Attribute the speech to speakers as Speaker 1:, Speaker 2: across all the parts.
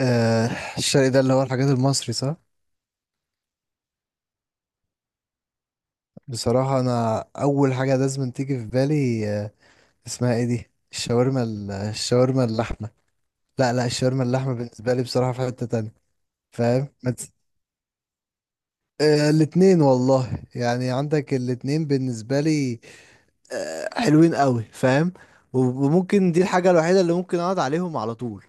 Speaker 1: آه. الشرق ده اللي هو الحاجات المصري، صح؟ بصراحة أنا أول حاجة لازم تيجي في بالي، اسمها إيه دي، الشاورما الشاورما اللحمة. لا، لا، الشاورما اللحمة بالنسبة لي بصراحة في حتة تانية. فاهم؟ ما تس- آه، الاتنين والله، يعني عندك الاتنين بالنسبة لي. آه، حلوين قوي. فاهم؟ و- وممكن دي الحاجة الوحيدة اللي ممكن أقعد عليهم على طول.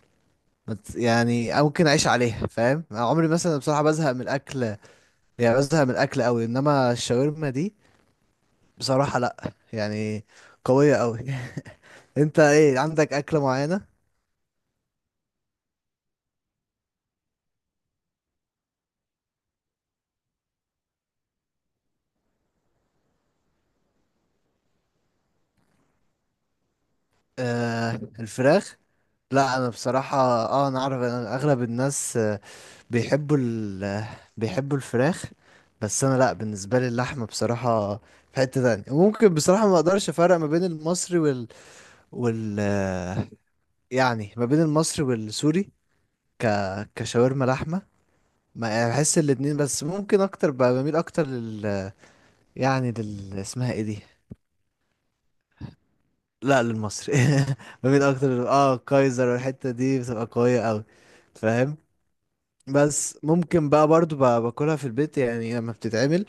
Speaker 1: ما تس- يعني أو ممكن أعيش عليها، فاهم؟ عمري مثلا بصراحة بزهق من الأكل، يعني بزهق من الأكل قوي، إنما الشاورما دي بصراحة لأ يعني، قوية أوي. أنت إيه، عندك أكلة معينة؟ آه، الفراخ؟ لأ، أنا بصراحة. أنا أعرف إن أغلب الناس، بيحبوا ال آه، بيحبوا الفراخ. بس أنا لأ، بالنسبة لي اللحمة بصراحة في حتة تانية. ممكن بصراحة ما أقدرش أفرق ما بين المصري وال وال آه، يعني ما بين المصري والسوري. ك كشاورما لحمة. ما يعني بحس الاتنين، بس ممكن أكتر بميل أكتر لل، يعني لل، اسمها إيه دي؟ لا، للمصري. ما بين اكتر كايزر، والحته دي بتبقى قويه قوي. فاهم؟ بس ممكن بقى برضو باكلها في البيت يعني لما بتتعمل.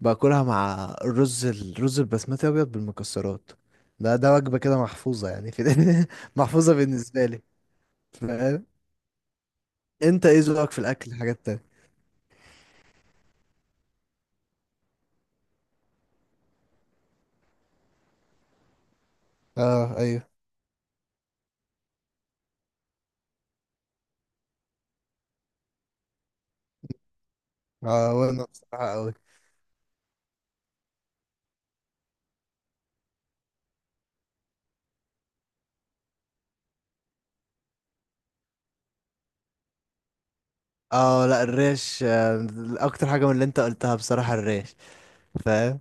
Speaker 1: باكلها مع الرز البسمتي ابيض بالمكسرات. ده وجبه كده محفوظه يعني، في. محفوظه بالنسبه لي. فاهم؟ انت ايه ذوقك في الاكل، حاجات تانية؟ اه، ايوه. اه، وانا بصراحه قوي. اه، لا، الريش، اكتر حاجه من اللي انت قلتها بصراحه الريش. فاهم؟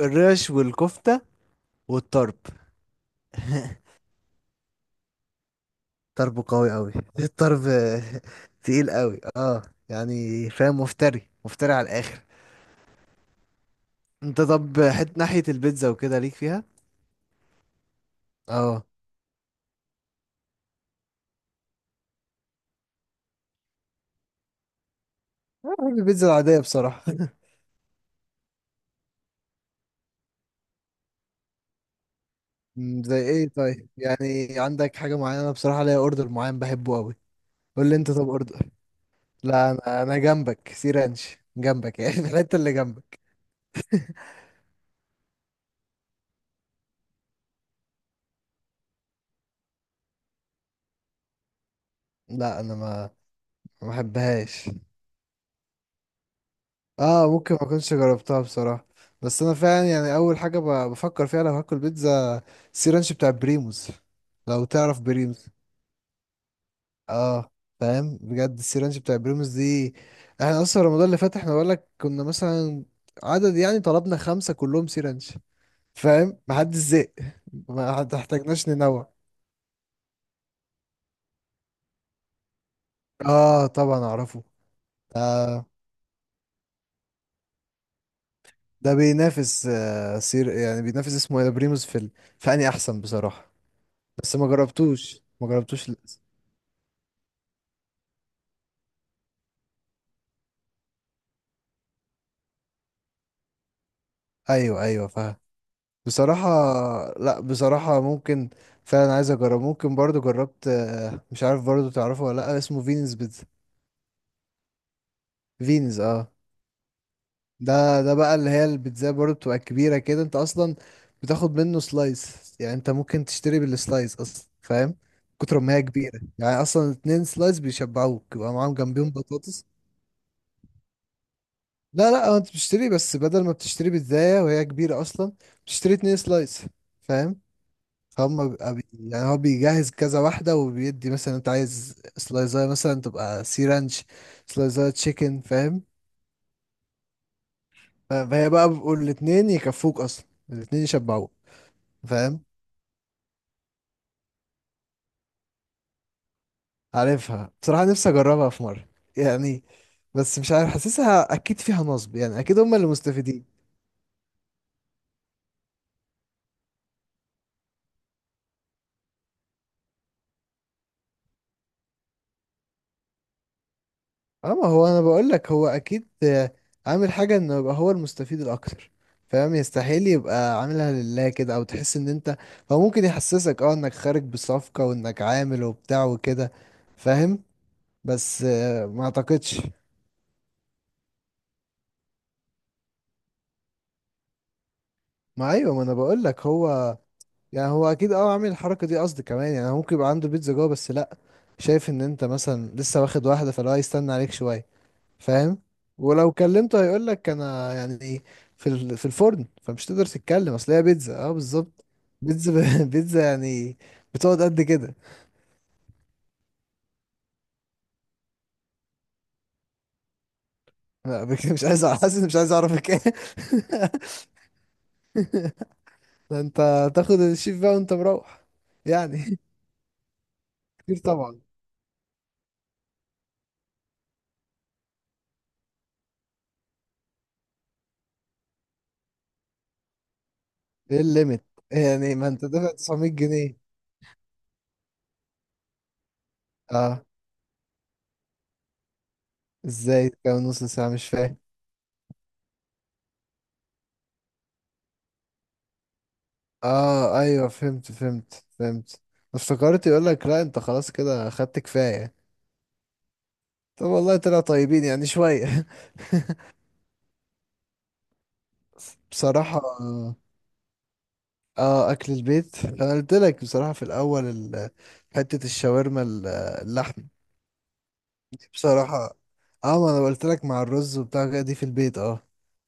Speaker 1: الريش والكفته، والطرب. ضربه قوي قوي. الضرب. تقيل قوي، اه. يعني فاهم، مفتري مفتري على الاخر. انت طب، ناحية البيتزا وكده، ليك فيها؟ اه. أنا بحب البيتزا العادية بصراحة. زي ايه طيب، يعني عندك حاجة معينة؟ أنا بصراحة ليا اوردر معين بحبه قوي. قول لي انت، طب اوردر. لا، انا جنبك سي رانش، جنبك يعني. الحتة اللي جنبك. لا، انا ما بحبهاش. اه، ممكن ما كنتش جربتها بصراحة. بس انا فعلا يعني اول حاجة بفكر فيها لو هاكل بيتزا، سي رانش بتاع بريموز. لو تعرف بريموز. اه. فاهم؟ بجد السي رانش بتاع بريموز دي، احنا اصلا رمضان اللي فات احنا بقول لك كنا مثلا عدد يعني، طلبنا خمسة كلهم سي رانش. فاهم؟ محدش زهق، ما احتاجناش ننوع. اه، طبعا اعرفه. ده ده بينافس آه سير يعني بينافس، اسمه ايه ده بريموز في فاني احسن بصراحة. بس ما جربتوش للأسف. ايوه، ايوه، فاهم. بصراحة، لا، بصراحة ممكن فعلا عايز اجرب. ممكن برضو جربت، مش عارف برضو، تعرفه ولا لا، اسمه فينز بيتزا. فينز، اه. ده بقى اللي هي البيتزا برضو بتبقى كبيرة كده، انت اصلا بتاخد منه سلايس، يعني انت ممكن تشتري بالسلايس اصلا، فاهم؟ كتر ما هي كبيرة يعني اصلا، اتنين سلايس بيشبعوك، يبقى معاهم جنبيهم بطاطس. لا، لا، هو انت بتشتري، بس بدل ما بتشتري بيتزاية وهي كبيرة اصلا، بتشتري اتنين سلايس. فاهم؟ هم بيبقى يعني هو بيجهز كذا واحدة وبيدي، مثلا انت عايز سلايزاية مثلا تبقى سي رانش، سلايزاية تشيكن، فاهم؟ فهي بقى بيقول الاتنين يكفوك، اصلا الاتنين يشبعوك. فاهم؟ عارفها، بصراحة نفسي اجربها في مرة يعني، بس مش عارف، حاسسها اكيد فيها نصب يعني، اكيد هم اللي مستفيدين. اه، ما هو انا بقول لك هو اكيد، عامل حاجه انه يبقى هو المستفيد الاكتر. فاهم؟ يستحيل يبقى عاملها لله كده، او تحس ان انت، هو ممكن يحسسك انك خارج بصفقه، وانك عامل وبتاع وكده. فاهم؟ بس ما اعتقدش. ما، ايوه، ما انا بقول لك هو، يعني هو اكيد عامل الحركه دي قصد. كمان يعني هو ممكن يبقى عنده بيتزا جوه، بس لا، شايف ان انت مثلا لسه واخد واحده، فلو هيستنى عليك شويه. فاهم؟ ولو كلمته هيقول لك انا، يعني ايه، في الفرن، فمش تقدر تتكلم، اصل هي بيتزا، اه، بالظبط. بيتزا، بيتزا يعني، بتقعد قد كده. لا، مش عايز حاسس إني مش عايز اعرفك ايه. ده انت تاخد الشيف بقى وانت مروح. يعني. كتير طبعا. ايه الليميت؟ يعني، ما انت دافع 900 جنيه. اه. ازاي؟ كام نص ساعة؟ مش فاهم. اه، ايوه، فهمت فهمت فهمت. افتكرت يقول لك لا، انت خلاص كده خدت كفاية. طب والله طلعوا طيبين يعني شوية. بصراحة. اه، اكل البيت، انا قلت لك بصراحة في الاول حتة الشاورما اللحم، دي بصراحة. اه، ما انا قلت لك مع الرز وبتاع كده، دي في البيت، اه.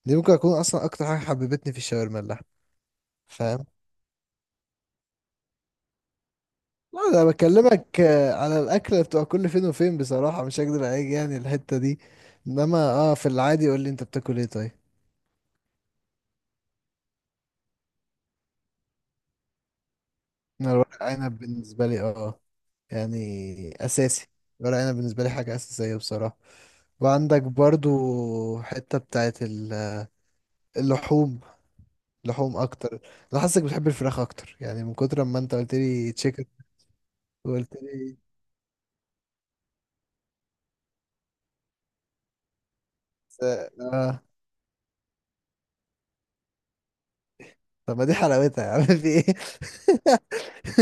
Speaker 1: دي ممكن اكون اصلا اكتر حاجة حببتني في الشاورما اللحم. فاهم؟ لا، انا بكلمك على الاكل اللي بتبقى كل فين وفين، بصراحة مش هكدب عليك يعني، الحتة دي، انما في العادي قول لي، انت بتاكل ايه طيب؟ انا الورق عنب بالنسبة لي، يعني اساسي. ورق عنب بالنسبه لي حاجه اساسيه بصراحه. وعندك برضو حته بتاعت اللحوم، لحوم اكتر. انا حاسسك بتحب الفراخ اكتر، يعني من كتر ما انت قلت لي تشيكن وقلت لي س- اه، طب ما دي حلاوتها يا عم في ايه؟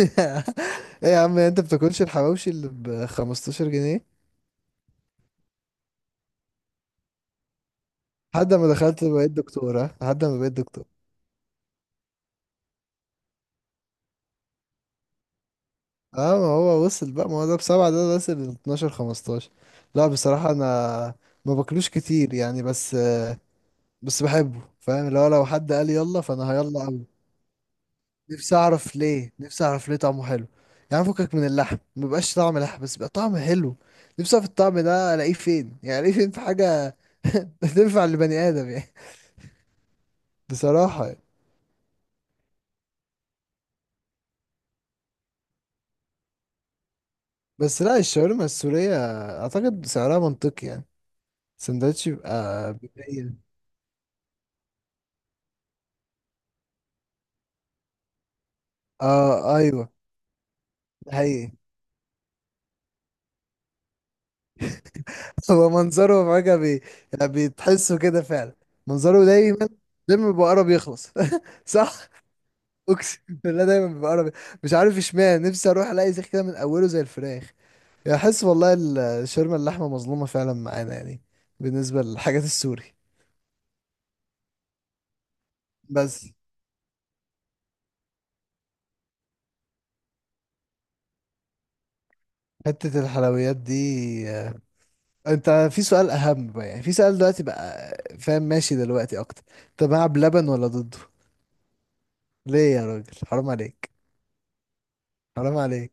Speaker 1: ايه يا عم، انت بتاكلش الحواوشي اللي ب 15 جنيه؟ لحد ما دخلت بقيت دكتوره، لحد ما بقيت دكتور. اه، ما هو وصل بقى، ما هو ده بسبعة ده وصل ل 12، 15. لا، بصراحة انا ما باكلوش كتير يعني، بس بحبه، فاهم؟ لو حد قال يلا فانا هيلا قوي. نفسي اعرف ليه، نفسي اعرف ليه طعمه حلو. يعني فكك من اللحم، ما بيبقاش طعم لحم بس بيبقى طعم حلو. نفسي اعرف الطعم ده الاقيه فين، يعني الاقيه فين في حاجة. تنفع لبني ادم يعني. بصراحة يعني. بس لا، الشاورما السورية اعتقد سعرها منطقي يعني، سندوتش يبقى بـ 100. اه، ايوه. ده حقيقي. هو منظره فجأة يعني بتحسه كده فعلا. منظره دايما، دايما بيبقى قرب يخلص. صح. اقسم بالله دايما بيبقى قرب، مش عارف اشمعنى، نفسي اروح الاقي زي كده من اوله زي الفراخ. يعني احس والله الشاورما اللحمه مظلومه فعلا معانا يعني، بالنسبه للحاجات السوري. بس حته الحلويات دي، آه، انت في سؤال اهم بقى، يعني في سؤال دلوقتي بقى. فاهم؟ ماشي دلوقتي اكتر. انت مع بلبن ولا ضده؟ ليه يا راجل؟ حرام عليك. حرام عليك.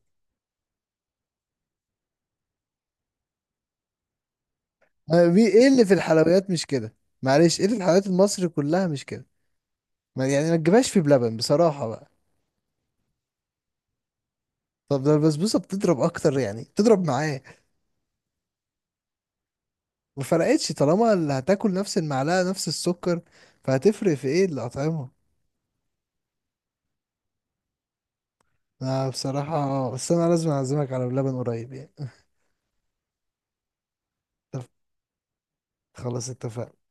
Speaker 1: أنا ايه اللي في الحلويات مش كده؟ معلش، ايه اللي في الحلويات المصري كلها مش كده؟ ما يعني ما تجيبهاش في بلبن بصراحة بقى. طب ده البسبوسة بتضرب اكتر، يعني بتضرب معاه. ما فرقتش طالما اللي هتاكل نفس المعلقة نفس السكر، فهتفرق في ايه الأطعمة؟ أنا بصراحة، بس أنا لازم أعزمك على بلبن قريب يعني. طب، خلاص اتفقنا.